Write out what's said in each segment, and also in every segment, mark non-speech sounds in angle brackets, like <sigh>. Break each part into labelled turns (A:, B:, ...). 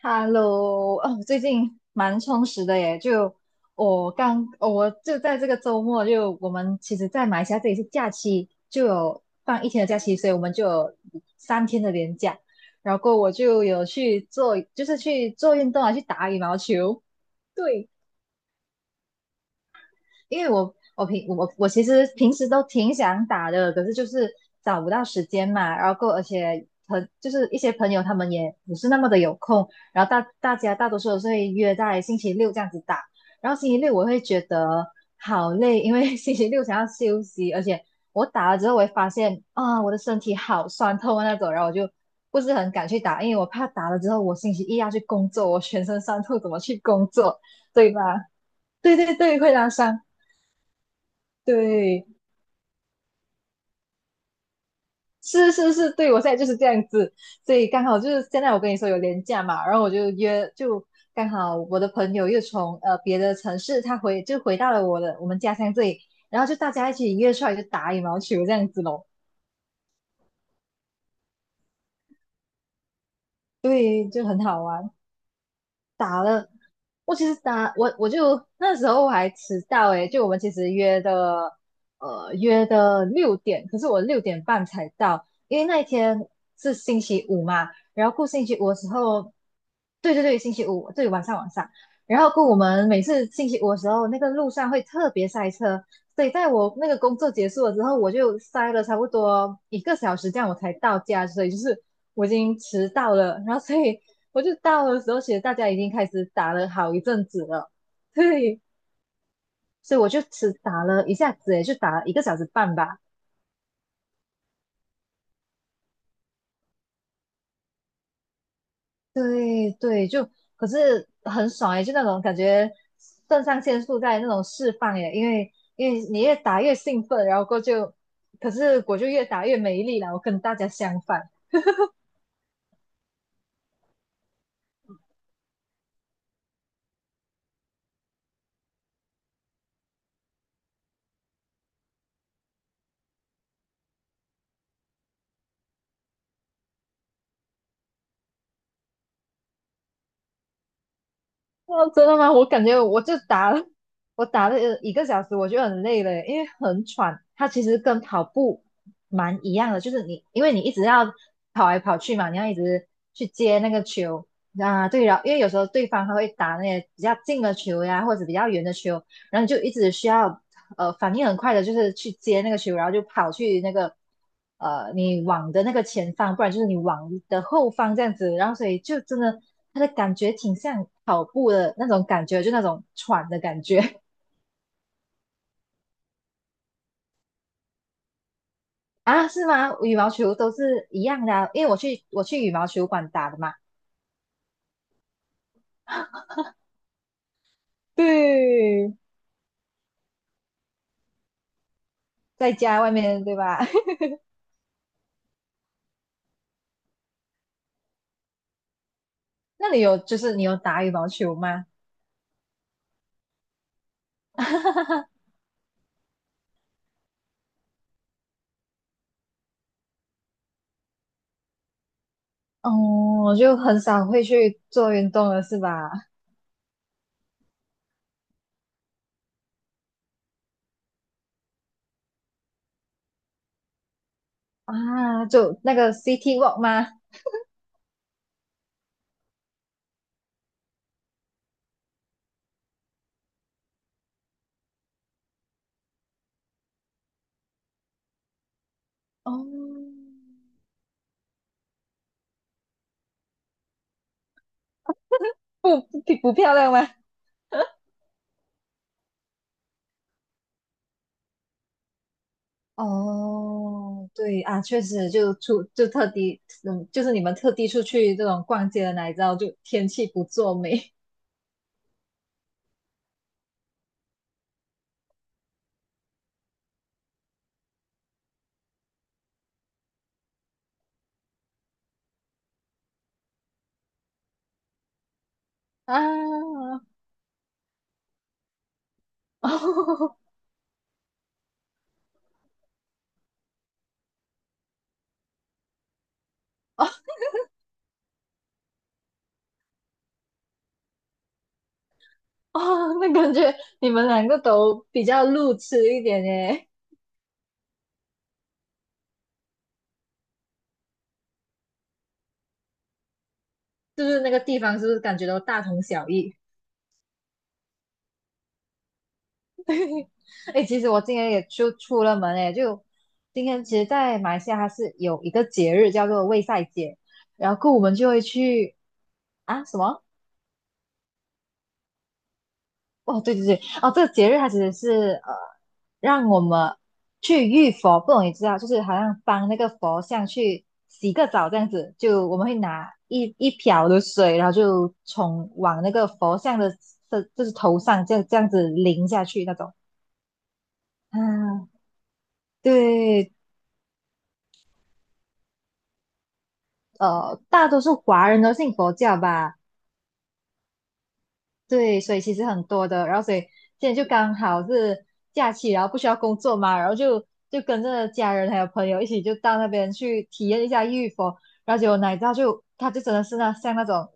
A: Hello，哦，最近蛮充实的耶。就我刚，哦我就在这个周末就，我们其实，在马来西亚这里是假期，就有放一天的假期，所以我们就有3天的连假。然后我就有就是去做运动啊，去打羽毛球。对，因为我其实平时都挺想打的，可是就是找不到时间嘛，然后够而且很就是一些朋友他们也不是那么的有空，然后大多数都是会约在星期六这样子打，然后星期六我会觉得好累，因为 <laughs> 星期六想要休息，而且我打了之后我会发现啊我的身体好酸痛啊那种，然后我就不是很敢去打，因为我怕打了之后我星期一要去工作，我全身酸痛怎么去工作，对吧？对对对，会拉伤。对，是是是，对我现在就是这样子，所以刚好就是现在我跟你说有廉假嘛，然后我就约，就刚好我的朋友又从别的城市，他就回到了我们家乡这里，然后就大家一起约出来就打羽毛球这样子咯，对，就很好玩。我其实打我我就那时候我还迟到诶，就我们其实约的六点，可是我6点半才到，因为那一天是星期五嘛，然后过星期五的时候，对对对，星期五对晚上，然后过我们每次星期五的时候，那个路上会特别塞车，所以在我那个工作结束了之后，我就塞了差不多一个小时这样我才到家，所以就是我已经迟到了，然后所以。我就到的时候，其实大家已经开始打了好一阵子了，对，所以我就只打了一下子，也就打了1个小时半吧，对对，就可是很爽诶，就那种感觉肾上腺素在那种释放耶，因为你越打越兴奋，然后过后就，可是我就越打越没力了，我跟大家相反。哦，真的吗？我感觉我就打了，我打了一个小时，我就很累了，因为很喘。它其实跟跑步蛮一样的，就是你因为你一直要跑来跑去嘛，你要一直去接那个球啊。对了，然后因为有时候对方他会打那些比较近的球呀，或者比较远的球，然后你就一直需要反应很快的，就是去接那个球，然后就跑去你网的那个前方，不然就是你网的后方这样子。然后所以就真的它的感觉挺像跑步的那种感觉，就那种喘的感觉 <laughs> 啊，是吗？羽毛球都是一样的啊因为我去羽毛球馆打的嘛，对，在家外面对吧？<laughs> 那就是你有打羽毛球吗？<laughs> 哦，我就很少会去做运动了，是吧？啊，就那个 City Walk 吗？哦，不漂亮吗？哦，对啊，确实就特地，就是你们特地出去这种逛街的哪里知道就天气不作美 <laughs> 啊，哦哦哦，那感觉你们两个都比较路痴一点耶，就是那个地方是不是感觉都大同小异？<laughs> 哎，其实我今天也就出了门哎，就今天其实，在马来西亚它是有一个节日叫做卫赛节，然后我们就会去啊什么？哦，对对对，哦，这个节日它其实是呃，让我们去浴佛，不容易知道，就是好像帮那个佛像去洗个澡这样子，就我们会拿一瓢的水，然后就往那个佛像的这就是头上这样子淋下去那种。嗯，对，大多数华人都信佛教吧，对，所以其实很多的，然后所以现在就刚好是假期，然后不需要工作嘛，然后就跟着家人还有朋友一起就到那边去体验一下玉佛，然后结果哪知道他就真的是像那种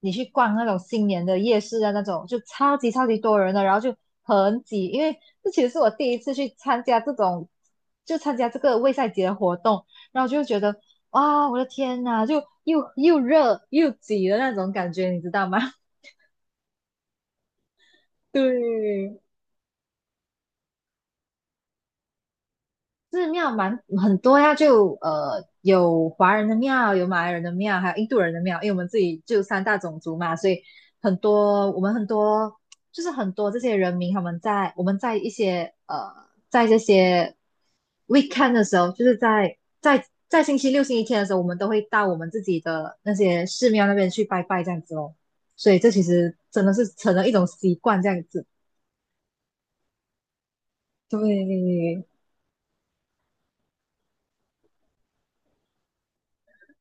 A: 你去逛那种新年的夜市啊那种，就超级超级多人的，然后就很挤，因为这其实是我第一次去参加这个卫赛节的活动，然后就觉得哇，我的天呐，就又热又挤的那种感觉，你知道吗？<laughs> 对，寺庙很多呀，就有华人的庙，有马来人的庙，还有印度人的庙，因为我们自己就三大种族嘛，所以很多我们很多就是很多这些人民他们在我们在一些呃在这些 weekend 的时候，就是在星期六、星期天的时候，我们都会到我们自己的那些寺庙那边去拜拜这样子哦，所以这其实真的是成了一种习惯这样子，对。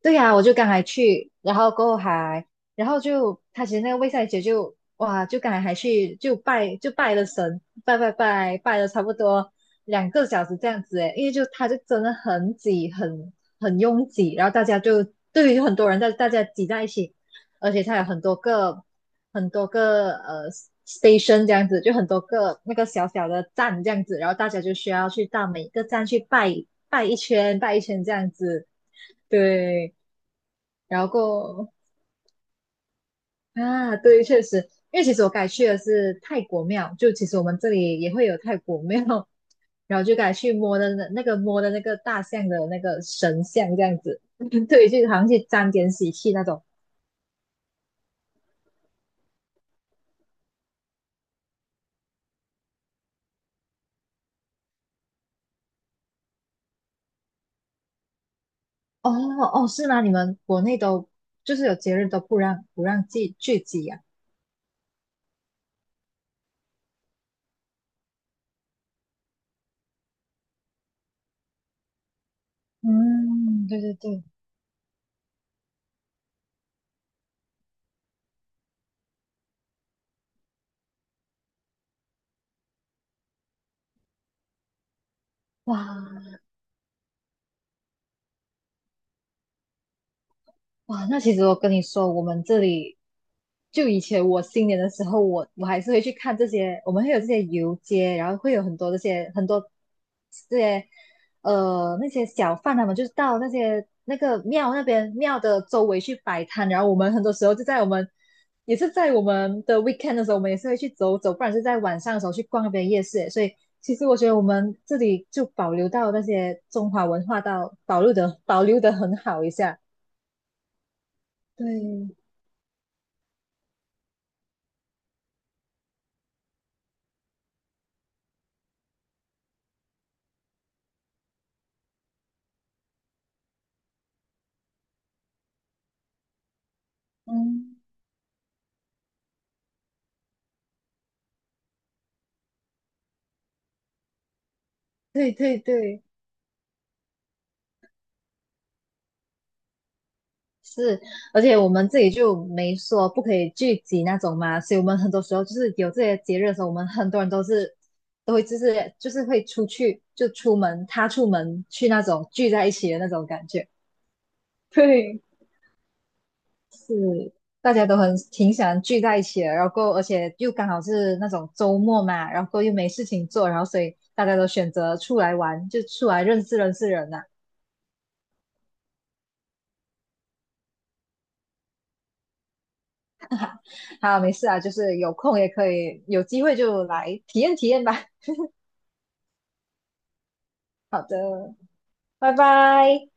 A: 对呀，我就刚才去，然后过后还，然后就他其实那个魏赛姐就哇，就刚才还去就拜了神，拜拜了差不多2个小时这样子诶，因为就他就真的很挤，很拥挤，然后大家就对于很多人在大家挤在一起，而且它有很多个 station 这样子，就很多个那个小小的站这样子，然后大家就需要去到每一个站去拜一圈这样子，对。然后啊，对，确实，因为其实我改去的是泰国庙，就其实我们这里也会有泰国庙，然后就改去摸的那个大象的那个神像这样子，<laughs> 对，就好像去沾点喜气那种。哦哦，是吗？你们国内都就是有节日都不让聚集呀，啊？嗯，对对对，哇，哇，那其实我跟你说，我们这里就以前我新年的时候，我还是会去看这些，我们会有这些游街，然后会有很多这些很多这些呃那些小贩他们就是到那个庙那边庙的周围去摆摊，然后我们很多时候就在我们也是在我们的 weekend 的时候，我们也是会去走走，不然是在晚上的时候去逛那边夜市，所以。其实我觉得我们这里就保留到那些中华文化到保留的很好一下，对嗯，对对对，是，而且我们自己就没说不可以聚集那种嘛，所以我们很多时候就是有这些节日的时候，我们很多人都是都会就是就是会出去就出门，他出门去那种聚在一起的那种感觉，对，是大家都挺想聚在一起的，然后而且又刚好是那种周末嘛，然后又没事情做，然后所以大家都选择出来玩，就出来认识认识人啊好，没事啊，就是有空也可以，有机会就来体验体验吧。好的，拜拜。